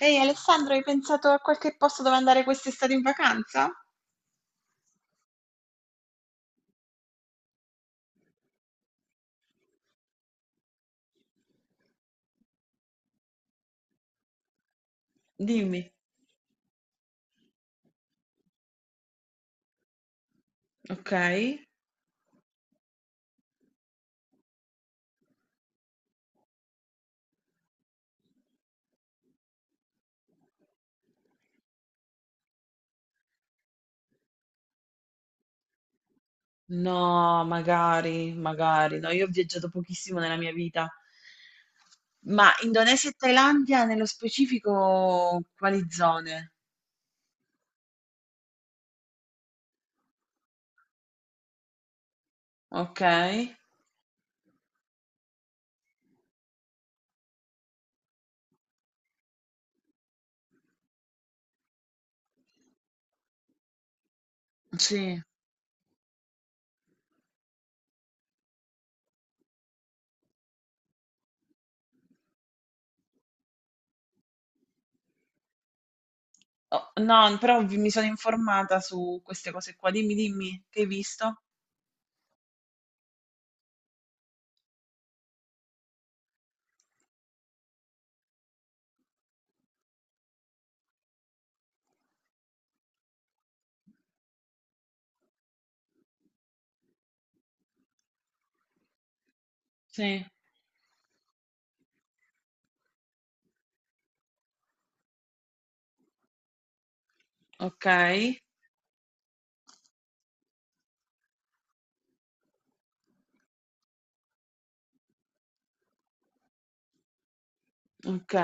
Ehi Alessandro, hai pensato a qualche posto dove andare quest'estate in vacanza? Dimmi, ok? No, magari, magari. No, io ho viaggiato pochissimo nella mia vita. Ma Indonesia e Thailandia, nello specifico, quali zone? Ok? Sì. Oh, no, però mi sono informata su queste cose qua. Dimmi, dimmi, che hai visto? Sì. Ok, ok.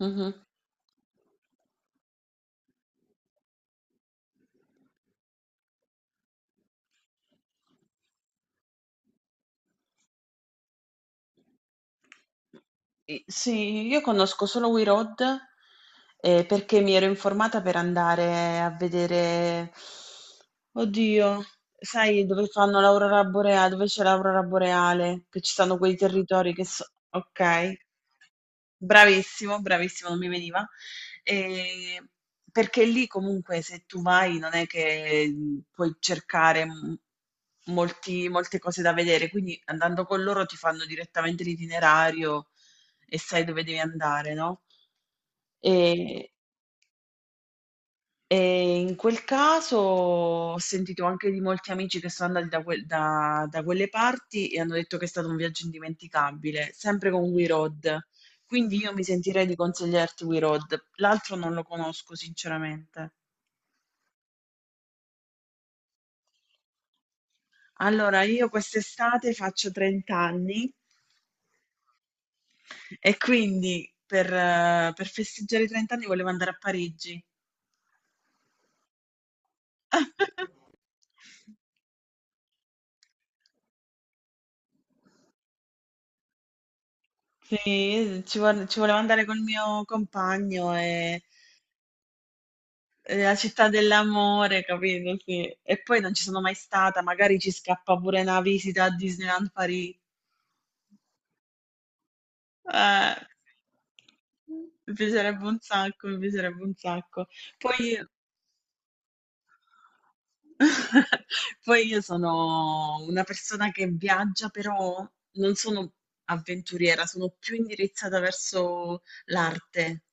Mhm. Sì, io conosco solo We Road, perché mi ero informata per andare a vedere, oddio, sai dove fanno l'aurora boreale, dove c'è l'aurora boreale, che ci sono quei territori che so... Ok. Bravissimo, bravissimo, non mi veniva. Ehm, Perché lì comunque se tu vai non è che, puoi cercare m molti molte cose da vedere, quindi andando con loro ti fanno direttamente l'itinerario e sai dove devi andare, no? Ehm In quel caso ho sentito anche di molti amici che sono andati da quelle parti e hanno detto che è stato un viaggio indimenticabile, sempre con We Road. Quindi io mi sentirei di consigliarti We Road, l'altro non lo conosco sinceramente. Allora, io quest'estate faccio 30 anni e quindi per festeggiare i 30 anni volevo andare a Parigi. Sì, ci volevo andare col mio compagno e la città dell'amore, capito? Sì. E poi non ci sono mai stata, magari ci scappa pure una visita a Disneyland Paris. Eh, Mi piacerebbe un sacco, mi piacerebbe un sacco. Poi, poi io sono una persona che viaggia, però non sono avventuriera, sono più indirizzata verso l'arte.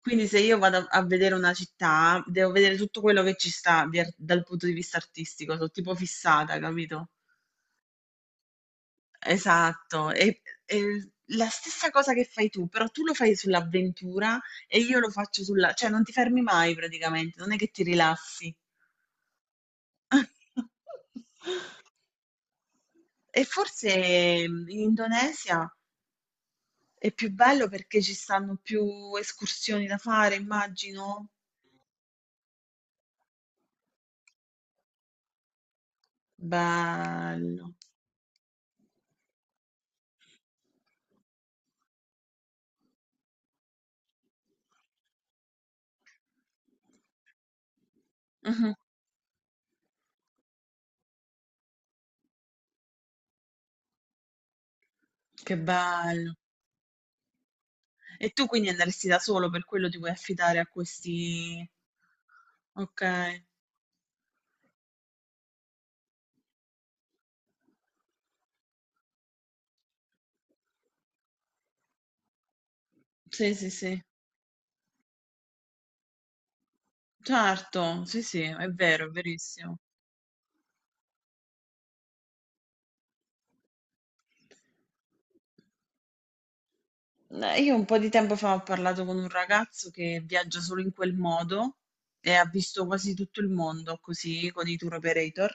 Quindi se io vado a vedere una città, devo vedere tutto quello che ci sta dal punto di vista artistico, sono tipo fissata, capito? Esatto, è la stessa cosa che fai tu, però tu lo fai sull'avventura e io lo faccio sulla... cioè non ti fermi mai praticamente, non è che ti rilassi. E forse in Indonesia è più bello perché ci stanno più escursioni da fare, immagino. Bello. Mhm. Che bello. E tu quindi andresti da solo, per quello ti vuoi affidare a questi... Ok. Sì, sì, sì. Certo, sì, sì, è vero, è verissimo. Io un po' di tempo fa ho parlato con un ragazzo che viaggia solo in quel modo e ha visto quasi tutto il mondo così con i tour operator.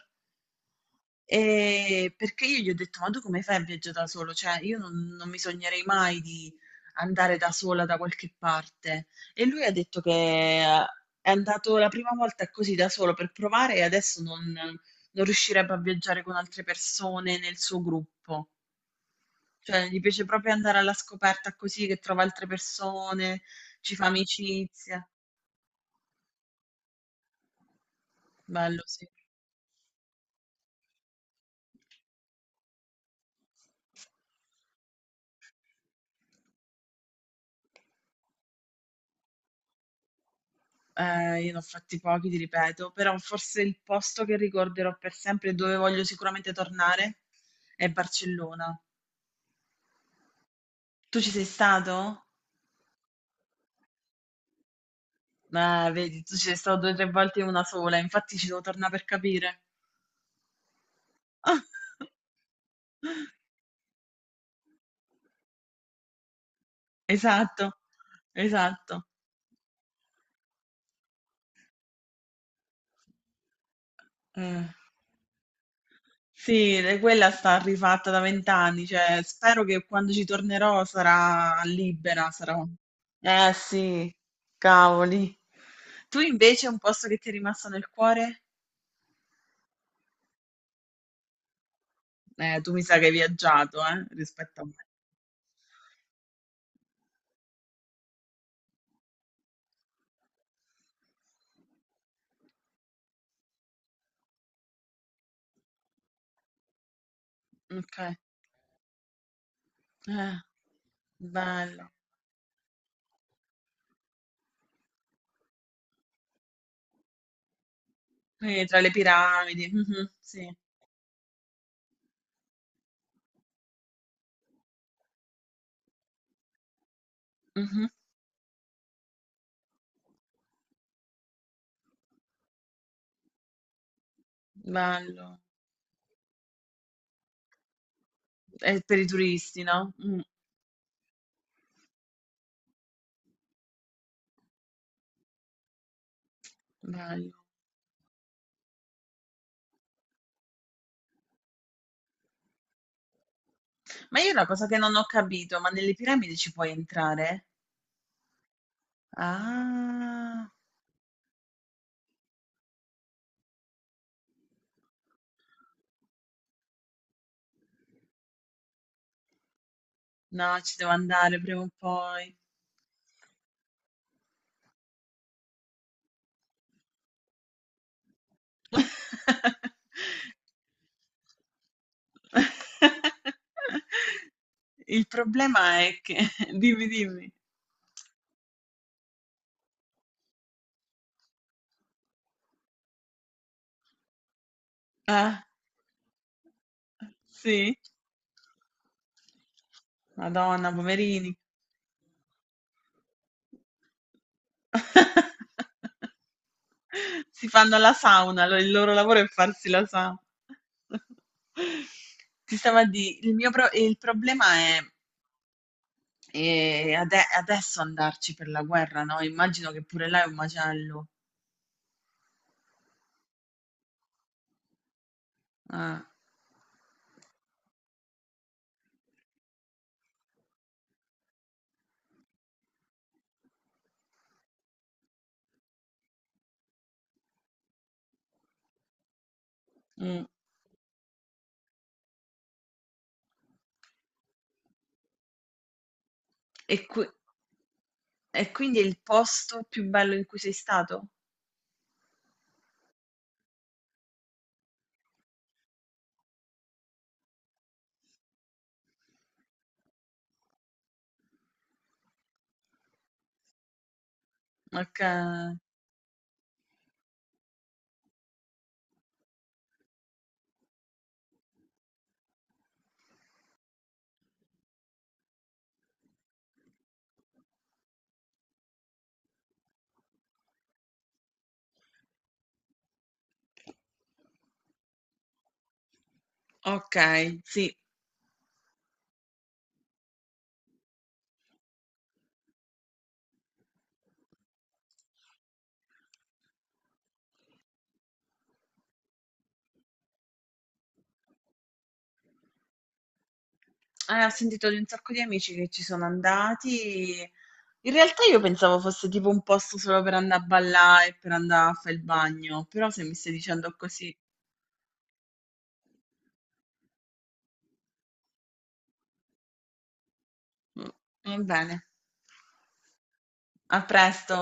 Perché io gli ho detto: "Ma tu come fai a viaggià da solo? Cioè io non mi sognerei mai di andare da sola da qualche parte". E lui ha detto che eh, è andato la prima volta così da solo per provare e adesso non riuscirebbe a viaggiare con altre persone nel suo gruppo. Cioè gli piace proprio andare alla scoperta così, che trova altre persone, ci fa amicizia. Bello, sì. Io ne ho fatti pochi, ti ripeto, però forse il posto che ricorderò per sempre e dove voglio sicuramente tornare è Barcellona. Tu ci sei stato? Vedi, tu ci sei stato due o tre volte e una sola, infatti ci devo tornare per capire. Esatto, esatto. Eh, Sì, e quella sta rifatta da vent'anni, cioè spero che quando ci tornerò sarà libera, sarò... Eh sì, cavoli. Tu invece un posto che ti è rimasto nel cuore? Tu mi sa che hai viaggiato, rispetto a me. Ok. Eh, bello. Quindi tra le piramidi. Mhm, sì. Mhm, bello. È per i turisti, no? Mm, bello. Ma io una cosa che non ho capito, ma nelle piramidi ci puoi entrare? Ah, no, ci devo andare prima o poi. Il problema è che dimmi, dimmi. Eh, sì? Madonna, poverini. Si fanno la sauna, il loro lavoro è farsi la sauna. Ti stavo a dire, il problema è adesso andarci per la guerra, no? Immagino che pure là è un macello. Ah, mm. E qui. E quindi è il posto più bello in cui sei stato? Ok, ok, sì. Ho sentito di un sacco di amici che ci sono andati. In realtà io pensavo fosse tipo un posto solo per andare a ballare e per andare a fare il bagno, però se mi stai dicendo così, mm, va bene. A presto.